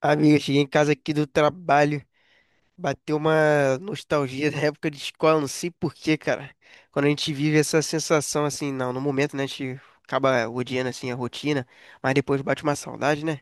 Amiga, eu cheguei em casa aqui do trabalho, bateu uma nostalgia da época de escola, não sei por quê, cara. Quando a gente vive essa sensação assim, não, no momento, né, a gente acaba odiando assim a rotina, mas depois bate uma saudade, né?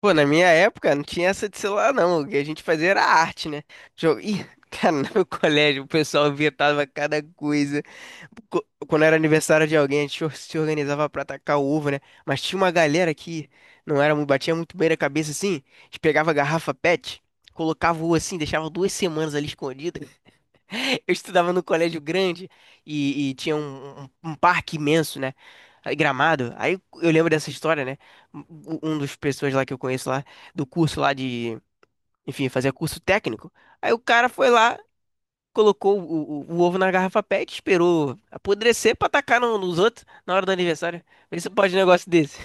Pô, na minha época não tinha essa de celular não, o que a gente fazia era arte, né? Jogo. Ih, cara, no meu colégio o pessoal inventava cada coisa. Quando era aniversário de alguém, a gente se organizava pra atacar o ovo, né? Mas tinha uma galera que não era muito, batia muito bem na cabeça assim. A gente pegava a garrafa PET, colocava o ovo assim, deixava duas semanas ali escondido. Eu estudava no colégio grande e tinha um parque imenso, né? Aí, Gramado. Aí eu lembro dessa história, né? Um dos pessoas lá que eu conheço lá, do curso lá de, enfim, fazia curso técnico. Aí o cara foi lá colocou o ovo na garrafa PET, esperou apodrecer pra tacar nos outros na hora do aniversário. Vê se pode um negócio desse.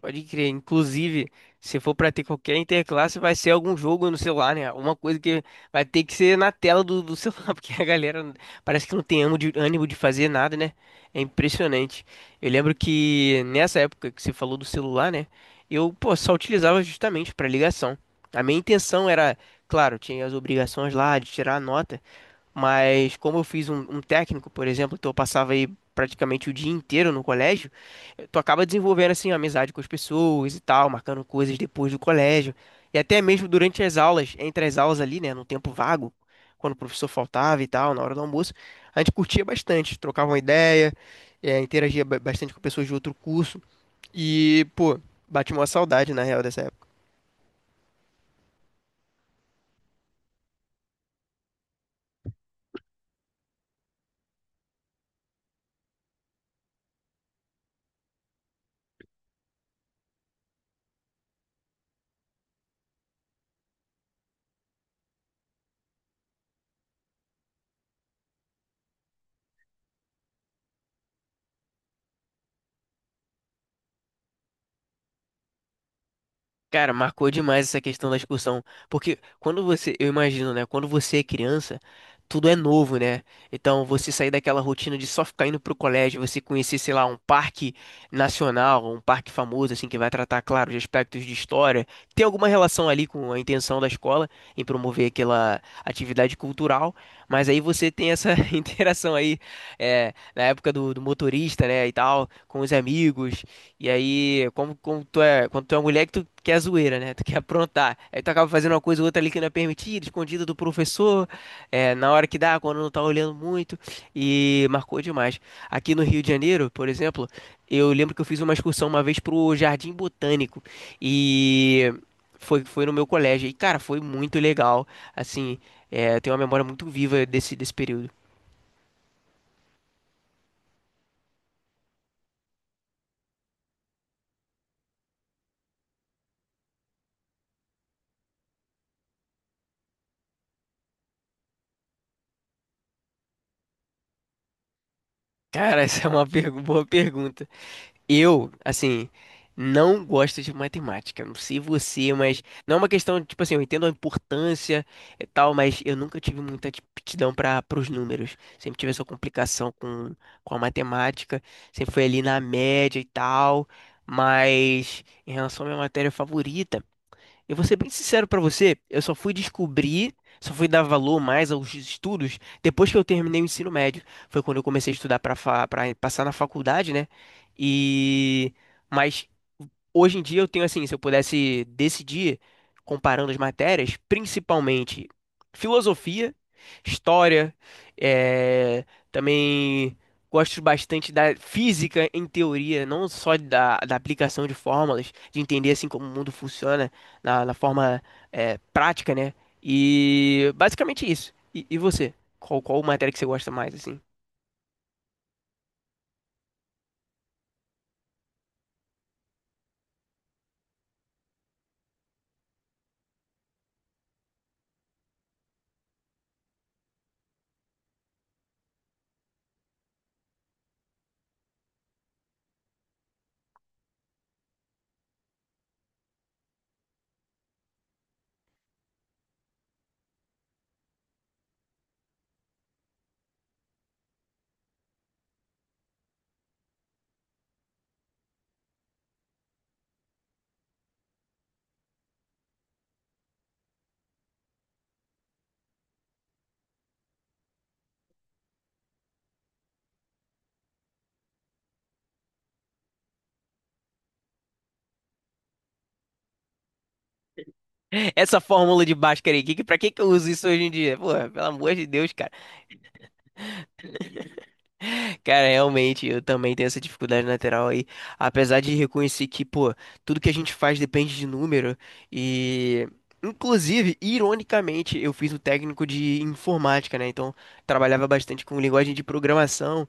Pode crer. Inclusive, se for pra ter qualquer interclasse, vai ser algum jogo no celular, né? Alguma coisa que vai ter que ser na tela do celular, porque a galera parece que não tem ânimo de fazer nada, né? É impressionante. Eu lembro que nessa época que você falou do celular, né? Eu, pô, só utilizava justamente pra ligação. A minha intenção era, claro, tinha as obrigações lá de tirar a nota. Mas como eu fiz um técnico, por exemplo, então eu passava aí praticamente o dia inteiro no colégio, tu acaba desenvolvendo assim amizade com as pessoas e tal, marcando coisas depois do colégio e até mesmo durante as aulas, entre as aulas ali, né, no tempo vago, quando o professor faltava e tal, na hora do almoço, a gente curtia bastante, trocava uma ideia, interagia bastante com pessoas de outro curso e pô, bate uma saudade na real dessa época. Cara, marcou demais essa questão da excursão, porque quando você, eu imagino, né, quando você é criança, tudo é novo, né? Então, você sair daquela rotina de só ficar indo pro colégio, você conhecer, sei lá, um parque nacional, um parque famoso, assim, que vai tratar, claro, de aspectos de história, tem alguma relação ali com a intenção da escola em promover aquela atividade cultural, mas aí você tem essa interação aí, é, na época do motorista, né, e tal, com os amigos, e aí, como tu é, quando tu é uma mulher que tu quer zoeira, né? Tu quer aprontar. Aí tu acaba fazendo uma coisa ou outra ali que não é permitida, escondida do professor, é, na hora que dá, quando não tá olhando muito. E marcou demais. Aqui no Rio de Janeiro, por exemplo, eu lembro que eu fiz uma excursão uma vez pro Jardim Botânico. E foi no meu colégio. E, cara, foi muito legal. Assim, é, eu tenho uma memória muito viva desse período. Cara, essa é uma boa pergunta. Eu, assim, não gosto de matemática. Não sei você, mas não é uma questão, tipo assim, eu entendo a importância e tal, mas eu nunca tive muita aptidão para os números. Sempre tive essa complicação com a matemática, sempre foi ali na média e tal. Mas em relação à minha matéria favorita. Eu vou ser bem sincero pra você, eu só fui descobrir, só fui dar valor mais aos estudos depois que eu terminei o ensino médio. Foi quando eu comecei a estudar para passar na faculdade, né? E mas hoje em dia eu tenho assim, se eu pudesse decidir, comparando as matérias, principalmente filosofia, história, eh, também gosto bastante da física em teoria, não só da aplicação de fórmulas, de entender assim como o mundo funciona na forma prática, né? E basicamente isso. E você? Qual matéria que você gosta mais, assim? Essa fórmula de Bhaskara aí, pra que que eu uso isso hoje em dia? Pô, pelo amor de Deus, cara. Cara, realmente, eu também tenho essa dificuldade lateral aí. Apesar de reconhecer que, pô, tudo que a gente faz depende de número. E, inclusive, ironicamente, eu fiz o técnico de informática, né? Então, trabalhava bastante com linguagem de programação.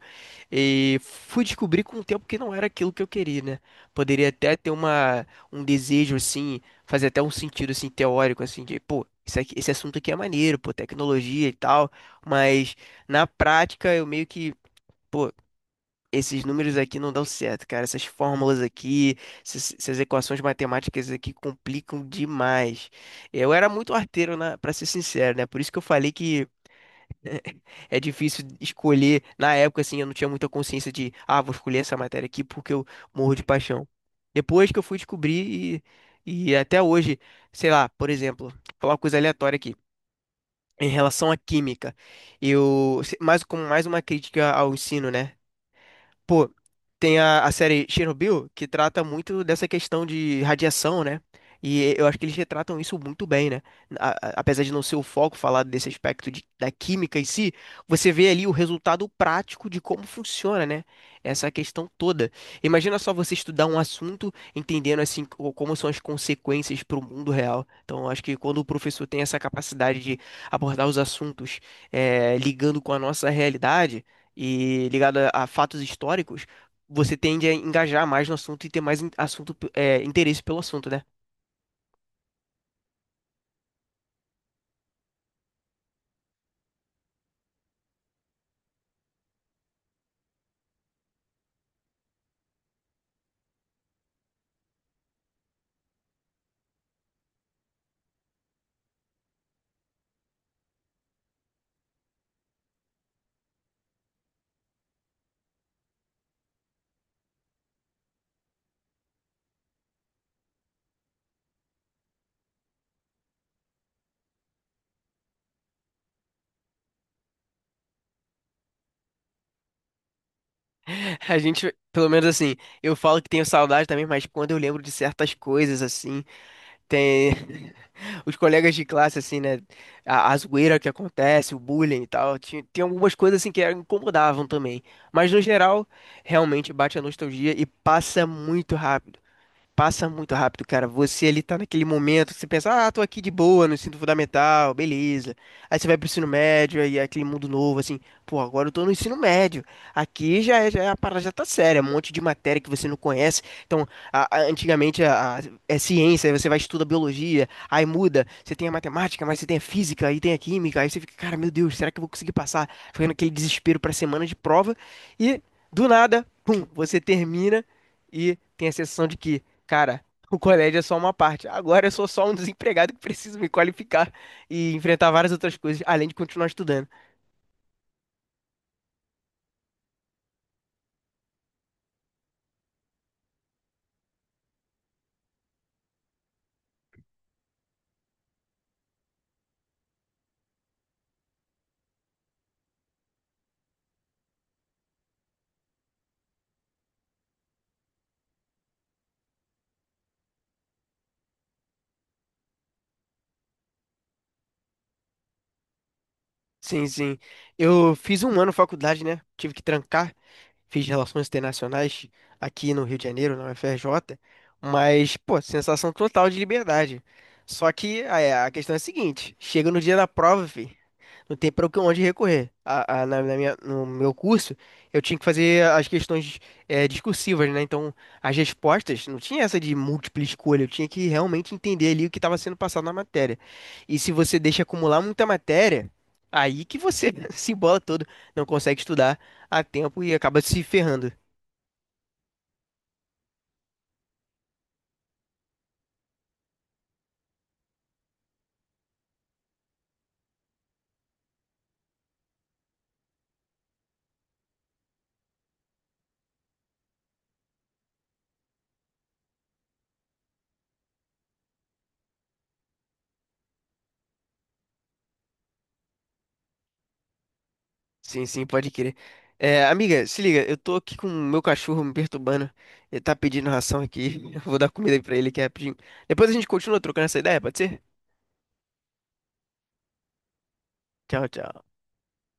E fui descobrir com o tempo que não era aquilo que eu queria, né? Poderia até ter um desejo, assim, fazer até um sentido, assim, teórico, assim, de, pô. Isso aqui, esse assunto aqui é maneiro, pô, tecnologia e tal, mas na prática eu meio que. Pô, esses números aqui não dão certo, cara. Essas fórmulas aqui, essas equações matemáticas aqui complicam demais. Eu era muito arteiro, para ser sincero, né? Por isso que eu falei que é difícil escolher. Na época, assim, eu não tinha muita consciência de, ah, vou escolher essa matéria aqui porque eu morro de paixão. Depois que eu fui descobrir e até hoje, sei lá, por exemplo, vou falar uma coisa aleatória aqui. Em relação à química, eu, mais como mais uma crítica ao ensino, né? Pô, tem a série Chernobyl, que trata muito dessa questão de radiação, né? E eu acho que eles retratam isso muito bem, né? Apesar de não ser o foco falar desse aspecto da química em si, você vê ali o resultado prático de como funciona, né? Essa questão toda. Imagina só você estudar um assunto entendendo assim como são as consequências para o mundo real. Então, eu acho que quando o professor tem essa capacidade de abordar os assuntos ligando com a nossa realidade e ligado a fatos históricos você tende a engajar mais no assunto e ter mais assunto, é, interesse pelo assunto, né? A gente, pelo menos assim, eu falo que tenho saudade também, mas quando eu lembro de certas coisas, assim, tem os colegas de classe, assim, né? A zoeira que acontece, o bullying e tal, tem algumas coisas, assim, que incomodavam também. Mas no geral, realmente bate a nostalgia e passa muito rápido. Passa muito rápido, cara. Você ali tá naquele momento, você pensa, ah, tô aqui de boa no ensino fundamental, beleza. Aí você vai pro ensino médio, aí é aquele mundo novo, assim, pô, agora eu tô no ensino médio. Aqui já, a parada já tá séria, é um monte de matéria que você não conhece. Então, antigamente é ciência, aí você vai estudar biologia, aí muda, você tem a matemática, mas você tem a física, aí tem a química, aí você fica, cara, meu Deus, será que eu vou conseguir passar? Fica naquele desespero pra semana de prova, e do nada, pum, você termina e tem a sensação de que. Cara, o colégio é só uma parte. Agora eu sou só um desempregado que preciso me qualificar e enfrentar várias outras coisas, além de continuar estudando. Sim, sim. Eu fiz um ano de faculdade, né? Tive que trancar. Fiz Relações Internacionais aqui no Rio de Janeiro, na UFRJ. Mas, pô, sensação total de liberdade. Só que é, a questão é a seguinte: chega no dia da prova, fi. Não tem para onde recorrer. No meu curso, eu tinha que fazer as questões discursivas, né? Então, as respostas, não tinha essa de múltipla escolha, eu tinha que realmente entender ali o que estava sendo passado na matéria. E se você deixa acumular muita matéria, aí que você se embola todo, não consegue estudar a tempo e acaba se ferrando. Sim, sim, pode crer. Amiga, se liga, eu tô aqui com o meu cachorro me perturbando. Ele tá pedindo ração aqui. Eu vou dar comida aí pra ele aqui rapidinho. Depois a gente continua trocando essa ideia, pode ser? Tchau, tchau.